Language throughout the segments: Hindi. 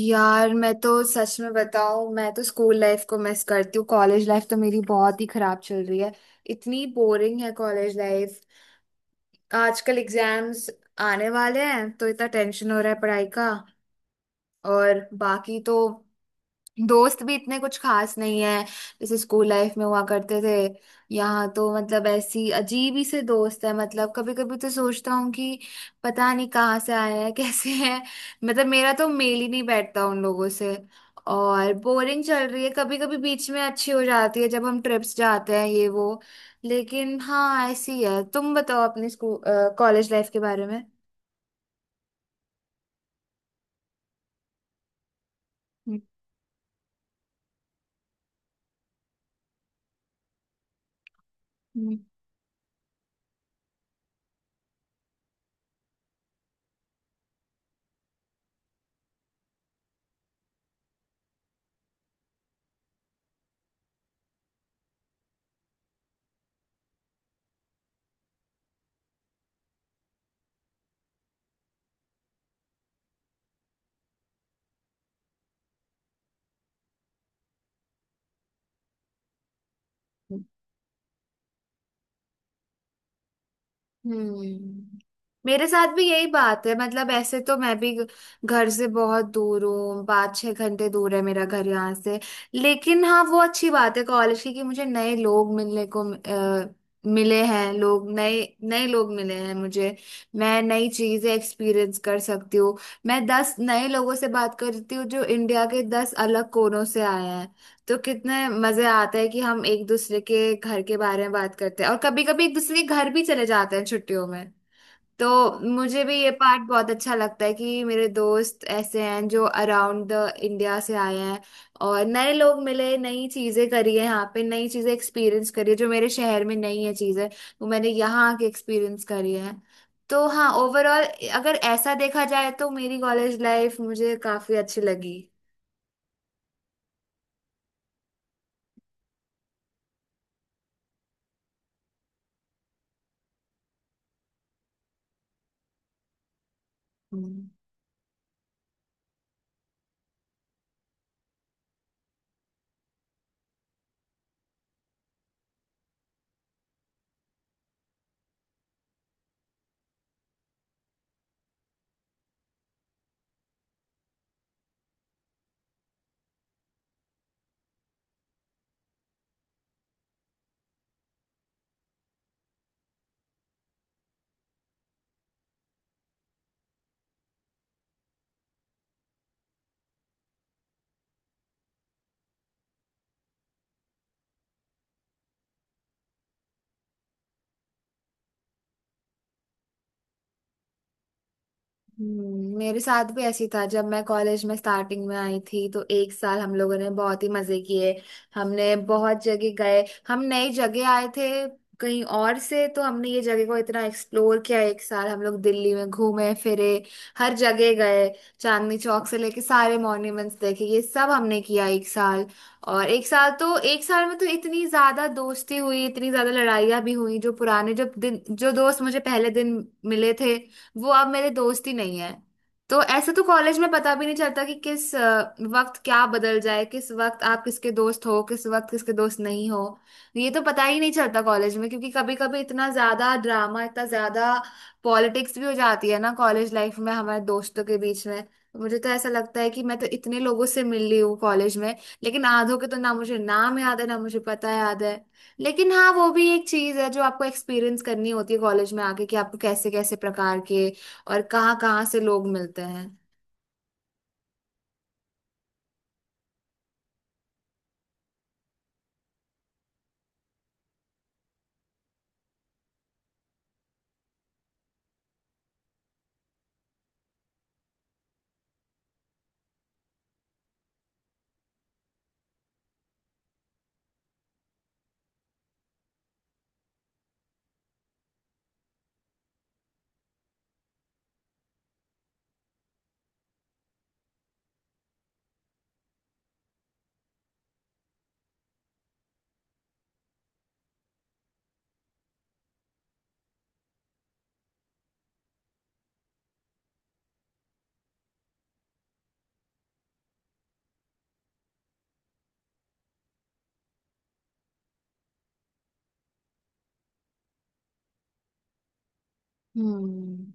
यार मैं तो सच में बताऊं, मैं तो स्कूल लाइफ को मिस करती हूँ। कॉलेज लाइफ तो मेरी बहुत ही खराब चल रही है। इतनी बोरिंग है कॉलेज लाइफ। आजकल एग्जाम्स आने वाले हैं तो इतना टेंशन हो रहा है पढ़ाई का। और बाकी तो दोस्त भी इतने कुछ खास नहीं है जैसे स्कूल लाइफ में हुआ करते थे। यहाँ तो मतलब ऐसी अजीब ही से दोस्त है। मतलब कभी कभी तो सोचता हूँ कि पता नहीं कहाँ से आए हैं कैसे हैं। मतलब मेरा तो मेल ही नहीं बैठता उन लोगों से। और बोरिंग चल रही है, कभी कभी बीच में अच्छी हो जाती है जब हम ट्रिप्स जाते हैं ये वो। लेकिन हाँ, ऐसी है। तुम बताओ अपने स्कूल कॉलेज लाइफ के बारे में। हम्म। हम्म। हम्म मेरे साथ भी यही बात है। मतलब ऐसे तो मैं भी घर से बहुत दूर हूँ। 5-6 घंटे दूर है मेरा घर यहाँ से। लेकिन हाँ, वो अच्छी बात है कॉलेज की कि मुझे नए लोग मिलने को मिले हैं। लोग नए नए लोग मिले हैं मुझे। मैं नई चीजें एक्सपीरियंस कर सकती हूँ। मैं 10 नए लोगों से बात करती हूँ जो इंडिया के 10 अलग कोनों से आए हैं। तो कितने मजे आते हैं कि हम एक दूसरे के घर के बारे में बात करते हैं और कभी कभी एक दूसरे के घर भी चले जाते हैं छुट्टियों में। तो मुझे भी ये पार्ट बहुत अच्छा लगता है कि मेरे दोस्त ऐसे हैं जो अराउंड द इंडिया से आए हैं। और नए लोग मिले, नई चीजें करी है यहाँ पे, नई चीजें एक्सपीरियंस करी है जो मेरे शहर में नहीं है चीजें, वो मैंने यहाँ आके एक्सपीरियंस करी है। तो हाँ, ओवरऑल अगर ऐसा देखा जाए तो मेरी कॉलेज लाइफ मुझे काफी अच्छी लगी। मेरे साथ भी ऐसी था। जब मैं कॉलेज में स्टार्टिंग में आई थी तो एक साल हम लोगों ने बहुत ही मजे किए। हमने बहुत जगह गए, हम नई जगह आए थे कहीं और से, तो हमने ये जगह को इतना एक्सप्लोर किया। एक साल हम लोग दिल्ली में घूमे फिरे, हर जगह गए। चांदनी चौक से लेके सारे मॉन्यूमेंट्स देखे, ये सब हमने किया एक साल। और एक साल तो, एक साल में तो इतनी ज्यादा दोस्ती हुई, इतनी ज्यादा लड़ाइयाँ भी हुई। जो पुराने, जो दिन, जो दोस्त मुझे पहले दिन मिले थे वो अब मेरे दोस्त ही नहीं है। तो ऐसे तो कॉलेज में पता भी नहीं चलता कि किस वक्त क्या बदल जाए, किस वक्त आप किसके दोस्त हो, किस वक्त किसके दोस्त नहीं हो। ये तो पता ही नहीं चलता कॉलेज में, क्योंकि कभी कभी इतना ज्यादा ड्रामा, इतना ज्यादा पॉलिटिक्स भी हो जाती है ना कॉलेज लाइफ में हमारे दोस्तों के बीच में। मुझे तो ऐसा लगता है कि मैं तो इतने लोगों से मिल ली हूँ कॉलेज में, लेकिन आधों के तो ना मुझे नाम याद है ना मुझे पता याद है। लेकिन हाँ, वो भी एक चीज है जो आपको एक्सपीरियंस करनी होती है कॉलेज में आके कि आपको कैसे कैसे प्रकार के और कहाँ कहाँ से लोग मिलते हैं। हम्म।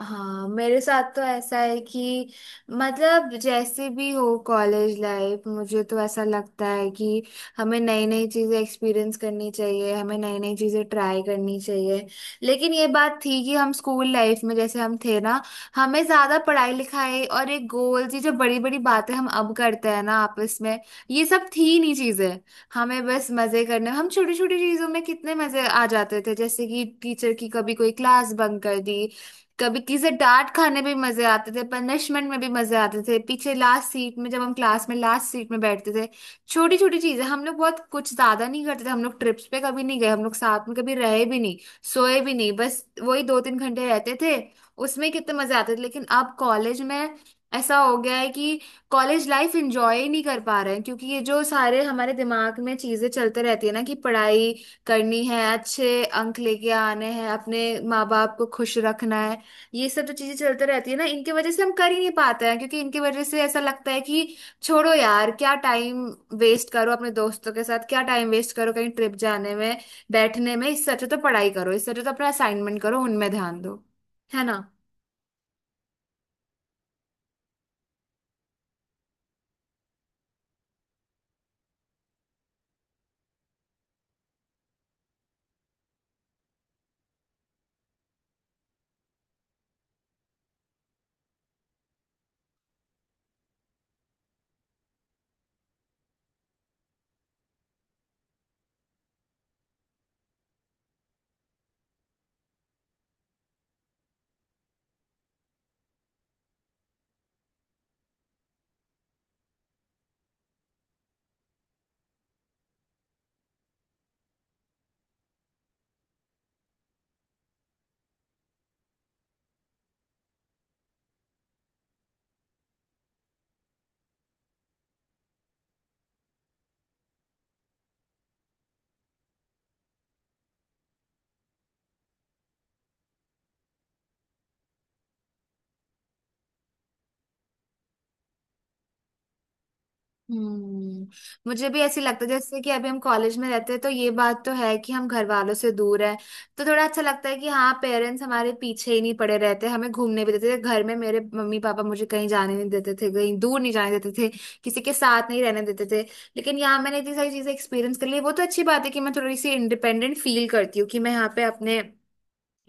हाँ, मेरे साथ तो ऐसा है कि मतलब जैसे भी हो कॉलेज लाइफ, मुझे तो ऐसा लगता है कि हमें नई नई चीज़ें एक्सपीरियंस करनी चाहिए, हमें नई नई चीज़ें ट्राई करनी चाहिए। लेकिन ये बात थी कि हम स्कूल लाइफ में जैसे हम थे ना, हमें ज़्यादा पढ़ाई लिखाई और एक गोल, ये जो बड़ी बड़ी बातें हम अब करते हैं ना आपस में, ये सब थी नहीं चीज़ें। हमें बस मज़े करने, हम छोटी छोटी चीज़ों में कितने मज़े आ जाते थे जैसे कि टीचर की कभी कोई क्लास बंक कर दी, कभी किसे डांट खाने में भी मजे आते थे, पनिशमेंट में भी मजे आते थे, पीछे लास्ट सीट में जब हम क्लास में लास्ट सीट में बैठते थे। छोटी छोटी चीजें हम लोग बहुत कुछ ज्यादा नहीं करते थे, हम लोग ट्रिप्स पे कभी नहीं गए, हम लोग साथ में कभी रहे भी नहीं, सोए भी नहीं, बस वही 2-3 घंटे रहते थे। उसमें कितने मजे आते थे। लेकिन अब कॉलेज में ऐसा हो गया है कि कॉलेज लाइफ एंजॉय ही नहीं कर पा रहे हैं क्योंकि ये जो सारे हमारे दिमाग में चीजें चलते रहती है ना कि पढ़ाई करनी है, अच्छे अंक लेके आने हैं, अपने माँ बाप को खुश रखना है। ये सब जो चीजें चलते रहती है ना, इनके वजह से हम कर ही नहीं पाते हैं, क्योंकि इनके वजह से ऐसा लगता है कि छोड़ो यार, क्या टाइम वेस्ट करो अपने दोस्तों के साथ, क्या टाइम वेस्ट करो कहीं ट्रिप जाने में, बैठने में। इससे अच्छा तो पढ़ाई करो, इससे अच्छा तो अपना असाइनमेंट करो, उनमें ध्यान दो। है ना। हम्म मुझे भी ऐसे लगता है जैसे कि अभी हम कॉलेज में रहते हैं तो ये बात तो है कि हम घर वालों से दूर हैं। तो थोड़ा अच्छा लगता है कि हाँ, पेरेंट्स हमारे पीछे ही नहीं पड़े रहते। हमें घूमने भी देते थे, घर में मेरे मम्मी पापा मुझे कहीं जाने नहीं देते थे, कहीं दूर नहीं जाने देते थे, किसी के साथ नहीं रहने देते थे। लेकिन यहाँ मैंने इतनी सारी चीजें एक्सपीरियंस कर ली। वो तो अच्छी बात है कि मैं थोड़ी सी इंडिपेंडेंट फील करती हूँ कि मैं यहाँ पे अपने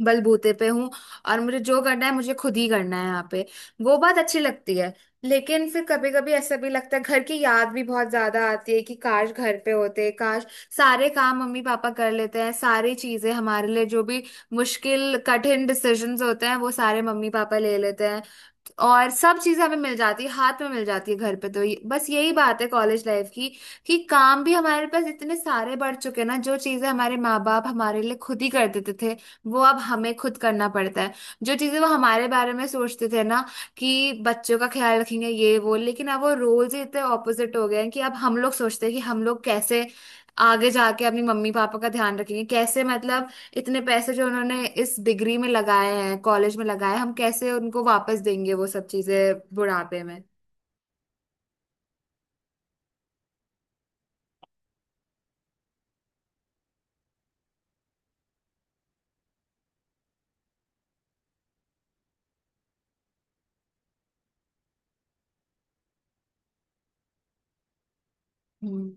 बलबूते पे हूँ, और मुझे जो करना है मुझे खुद ही करना है यहाँ पे। वो बात अच्छी लगती है। लेकिन फिर कभी कभी ऐसा भी लगता है घर की याद भी बहुत ज्यादा आती है कि काश घर पे होते, काश। सारे काम मम्मी पापा कर लेते हैं, सारी चीजें हमारे लिए, जो भी मुश्किल कठिन डिसीजंस होते हैं वो सारे मम्मी पापा ले लेते हैं, और सब चीजें हमें मिल जाती है, हाथ में मिल जाती है घर पे। तो बस यही बात है कॉलेज लाइफ की कि काम भी हमारे पास इतने सारे बढ़ चुके हैं ना, जो चीजें हमारे माँ बाप हमारे लिए खुद ही कर देते थे वो अब हमें खुद करना पड़ता है। जो चीजें वो हमारे बारे में सोचते थे ना कि बच्चों का ख्याल रखेंगे ये वो, लेकिन अब वो रोल्स ही इतने ऑपोजिट हो गए हैं कि अब हम लोग सोचते हैं कि हम लोग कैसे आगे जाके अपनी मम्मी पापा का ध्यान रखेंगे, कैसे मतलब इतने पैसे जो उन्होंने इस डिग्री में लगाए हैं, कॉलेज में लगाए हैं, हम कैसे उनको वापस देंगे, वो सब चीजें बुढ़ापे में। हम्म।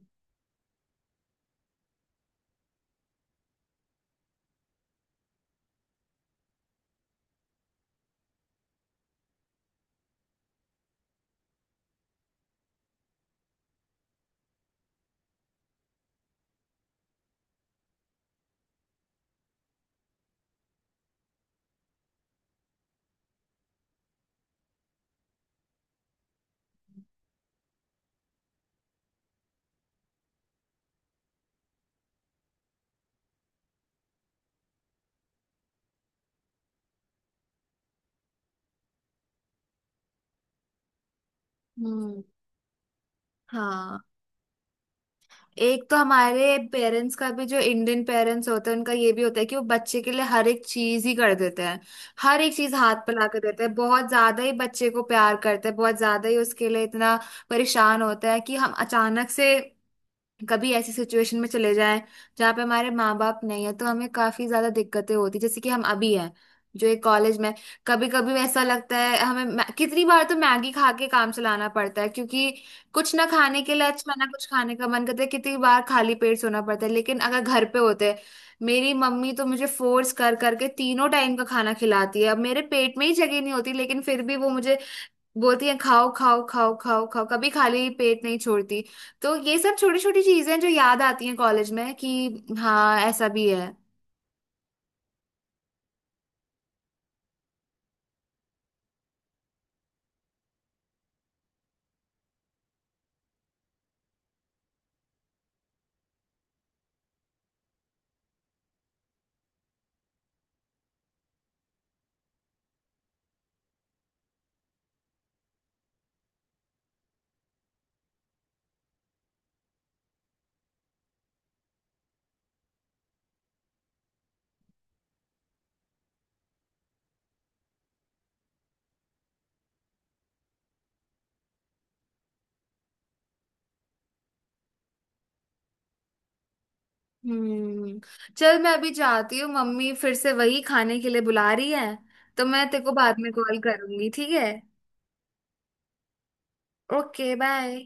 हम्म। हाँ, एक तो हमारे पेरेंट्स का भी, जो इंडियन पेरेंट्स होते हैं उनका ये भी होता है कि वो बच्चे के लिए हर एक चीज ही कर देते हैं, हर एक चीज हाथ पे ला के देते हैं, बहुत ज्यादा ही बच्चे को प्यार करते हैं, बहुत ज्यादा ही उसके लिए इतना परेशान होता है कि हम अचानक से कभी ऐसी सिचुएशन में चले जाएं जहाँ पे हमारे माँ बाप नहीं है तो हमें काफी ज्यादा दिक्कतें होती जैसे कि हम अभी हैं, जो एक कॉलेज में। कभी कभी ऐसा लगता है हमें, कितनी बार तो मैगी खा के काम चलाना पड़ता है क्योंकि कुछ ना खाने के लिए अच्छा ना कुछ खाने का मन करता है, कितनी बार खाली पेट सोना पड़ता है, लेकिन अगर घर पे होते। मेरी मम्मी तो मुझे फोर्स कर करके तीनों टाइम का खाना खिलाती है, अब मेरे पेट में ही जगह नहीं होती, लेकिन फिर भी वो मुझे बोलती है खाओ खाओ खाओ खाओ खाओ, कभी खाली पेट नहीं छोड़ती। तो ये सब छोटी छोटी चीजें हैं जो याद आती हैं कॉलेज में कि हाँ, ऐसा भी है। हम्म चल मैं अभी जाती हूँ, मम्मी फिर से वही खाने के लिए बुला रही है, तो मैं तेरे को बाद में कॉल करूंगी, ठीक है। Okay bye.